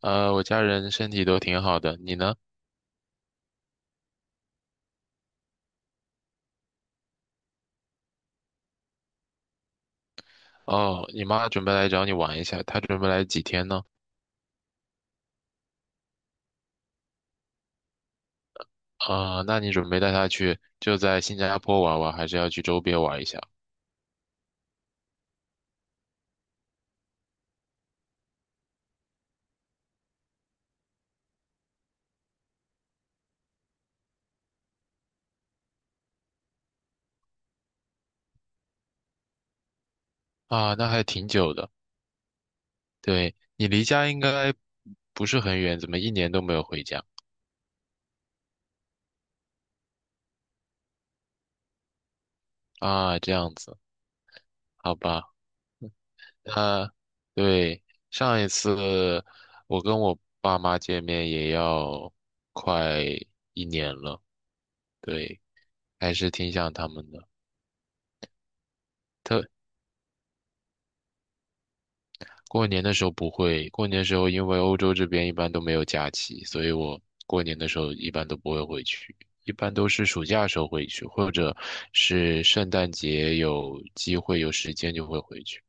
我家人身体都挺好的，你呢？哦，你妈准备来找你玩一下，她准备来几天呢？啊、那你准备带她去就在新加坡玩玩，还是要去周边玩一下？啊，那还挺久的。对，你离家应该不是很远，怎么一年都没有回家？啊，这样子，好吧。那对，上一次我跟我爸妈见面也要快一年了，对，还是挺想他们的。过年的时候不会，过年的时候因为欧洲这边一般都没有假期，所以我过年的时候一般都不会回去，一般都是暑假的时候回去，或者是圣诞节有机会有时间就会回去。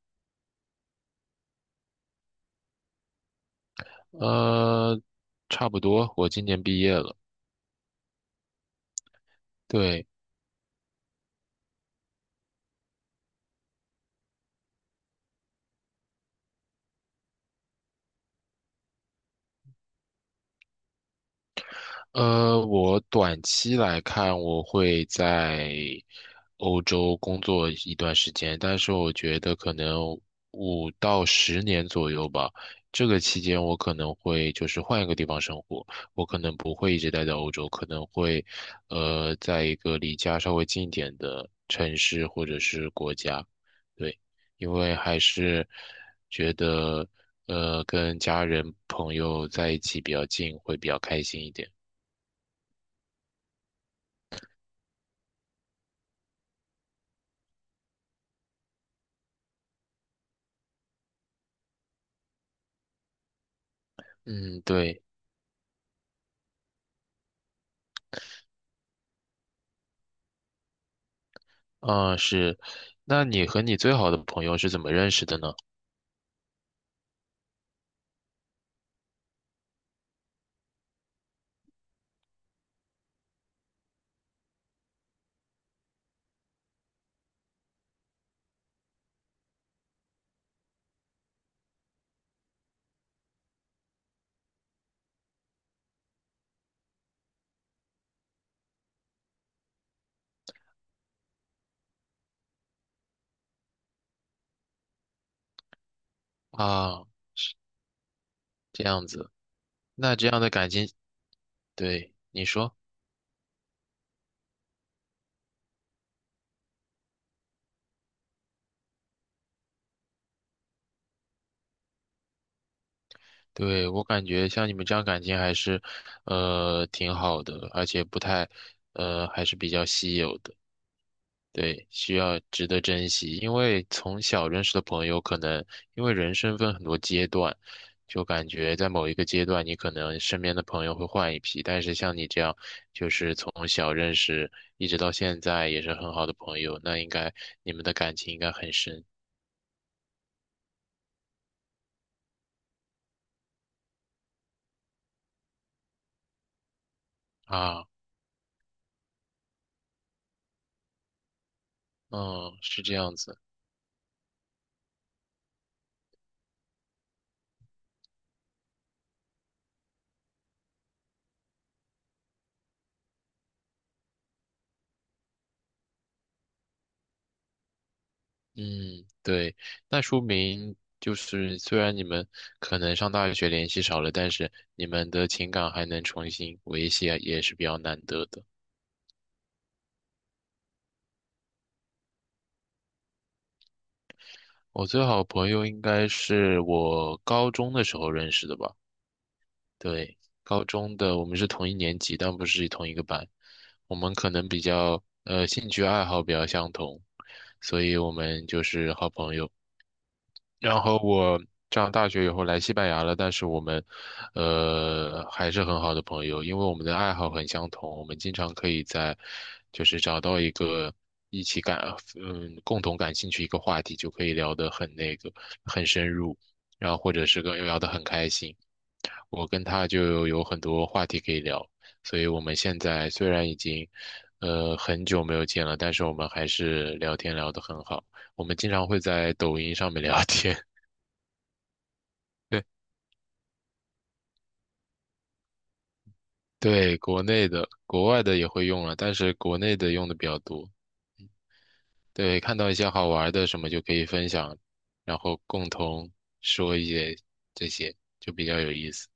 呃，差不多，我今年毕业了，对，我短期来看，我会在欧洲工作一段时间，但是我觉得可能五到十年左右吧。这个期间，我可能会就是换一个地方生活，我可能不会一直待在欧洲，可能会，在一个离家稍微近一点的城市或者是国家。对，因为还是觉得，跟家人朋友在一起比较近，会比较开心一点。嗯，对，啊，是。那你和你最好的朋友是怎么认识的呢？啊，这样子，那这样的感情，对，你说，对，我感觉像你们这样感情还是，挺好的，而且不太，还是比较稀有的。对，需要值得珍惜，因为从小认识的朋友，可能因为人生分很多阶段，就感觉在某一个阶段，你可能身边的朋友会换一批，但是像你这样，就是从小认识一直到现在也是很好的朋友，那应该你们的感情应该很深啊，嗯，是这样子，嗯，对，那说明就是虽然你们可能上大学联系少了，但是你们的情感还能重新维系，也是比较难得的。我最好朋友应该是我高中的时候认识的吧？对，高中的我们是同一年级，但不是同一个班。我们可能比较兴趣爱好比较相同，所以我们就是好朋友。然后我上大学以后来西班牙了，但是我们，还是很好的朋友，因为我们的爱好很相同，我们经常可以在，就是找到一个一起感，嗯，共同感兴趣一个话题，就可以聊得很那个，很深入，然后或者是跟聊得很开心。我跟他就有很多话题可以聊，所以我们现在虽然已经，很久没有见了，但是我们还是聊天聊得很好。我们经常会在抖音上面聊天。对对，国内的、国外的也会用了，但是国内的用的比较多。嗯对，看到一些好玩的什么就可以分享，然后共同说一些这些，就比较有意思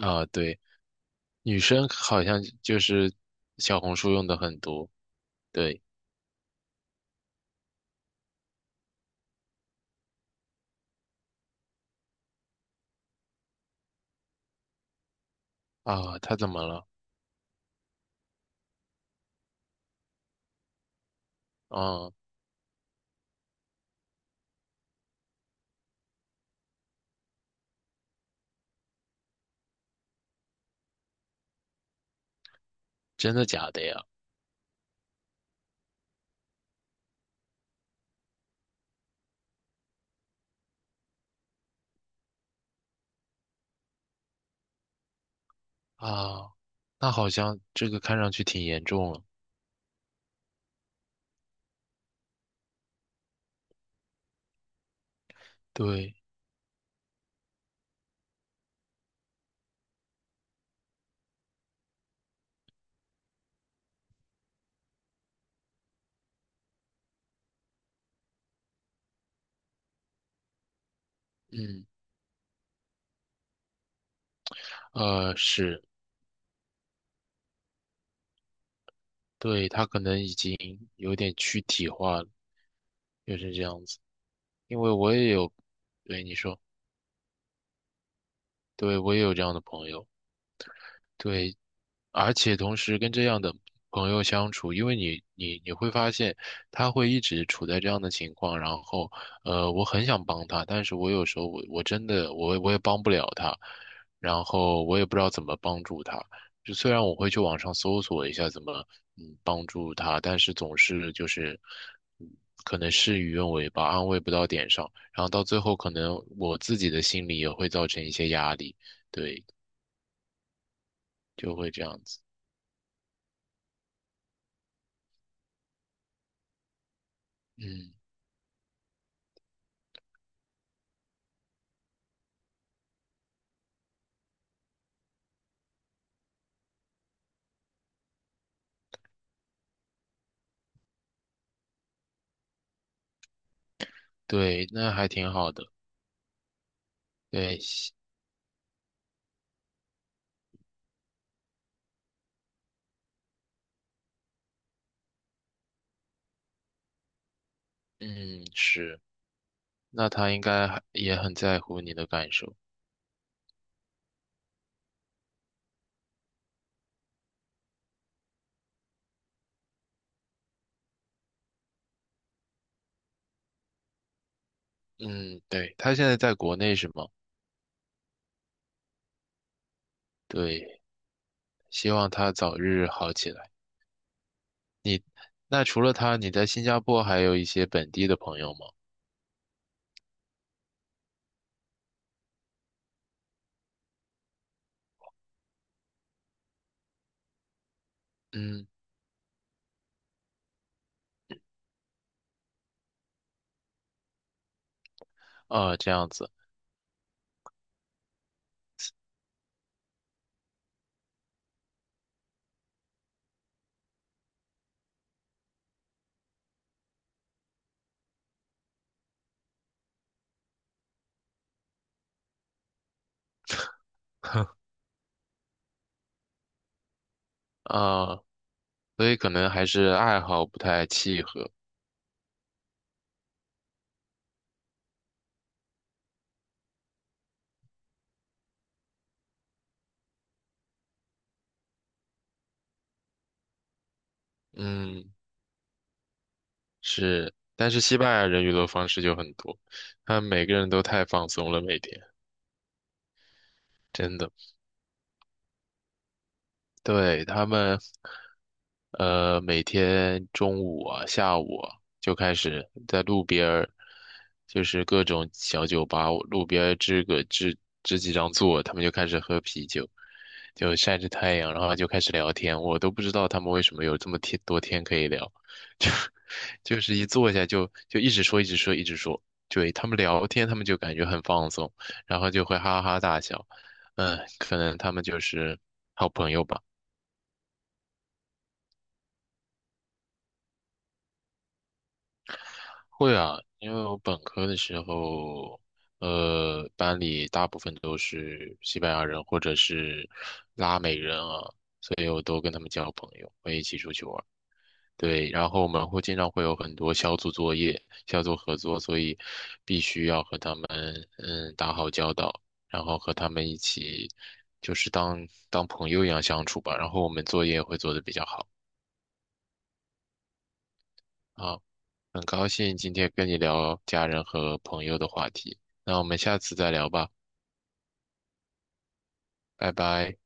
啊。对，女生好像就是小红书用的很多。对啊，她怎么了？啊，真的假的呀？啊，那好像这个看上去挺严重了。对，嗯，是，对，她可能已经有点躯体化了。也是这样子，因为我也有，对你说，对，我也有这样的朋友。对，而且同时跟这样的朋友相处，因为你会发现他会一直处在这样的情况，然后我很想帮他，但是我有时候真的我也帮不了他，然后我也不知道怎么帮助他。就虽然我会去网上搜索一下怎么帮助他，但是总是就是嗯可能事与愿违吧，安慰不到点上，然后到最后可能我自己的心里也会造成一些压力，对，就会这样子。嗯，对，那还挺好的。对，西嗯，是，那他应该还也很在乎你的感受。嗯，对，他现在在国内是吗？对，希望他早日好起来。那除了他，你在新加坡还有一些本地的朋友吗？嗯，啊，这样子，啊，所以可能还是爱好不太契合。嗯，是，但是西班牙人娱乐方式就很多，他们每个人都太放松了，每天真的。对，他们，每天中午啊、下午啊，就开始在路边儿，就是各种小酒吧，路边儿支个支支几张座，他们就开始喝啤酒，就晒着太阳，然后就开始聊天。我都不知道他们为什么有这么天多天可以聊，就是一坐下就一直说，一直说，一直说。对，他们聊天，他们就感觉很放松，然后就会哈哈大笑。嗯，可能他们就是好朋友吧。会啊，因为我本科的时候，班里大部分都是西班牙人或者是拉美人啊，所以我都跟他们交朋友，会一起出去玩儿对，然后我们经常会有很多小组作业、小组合作，所以必须要和他们打好交道，然后和他们一起就是当朋友一样相处吧。然后我们作业会做得比较好。好，很高兴今天跟你聊家人和朋友的话题，那我们下次再聊吧，拜拜。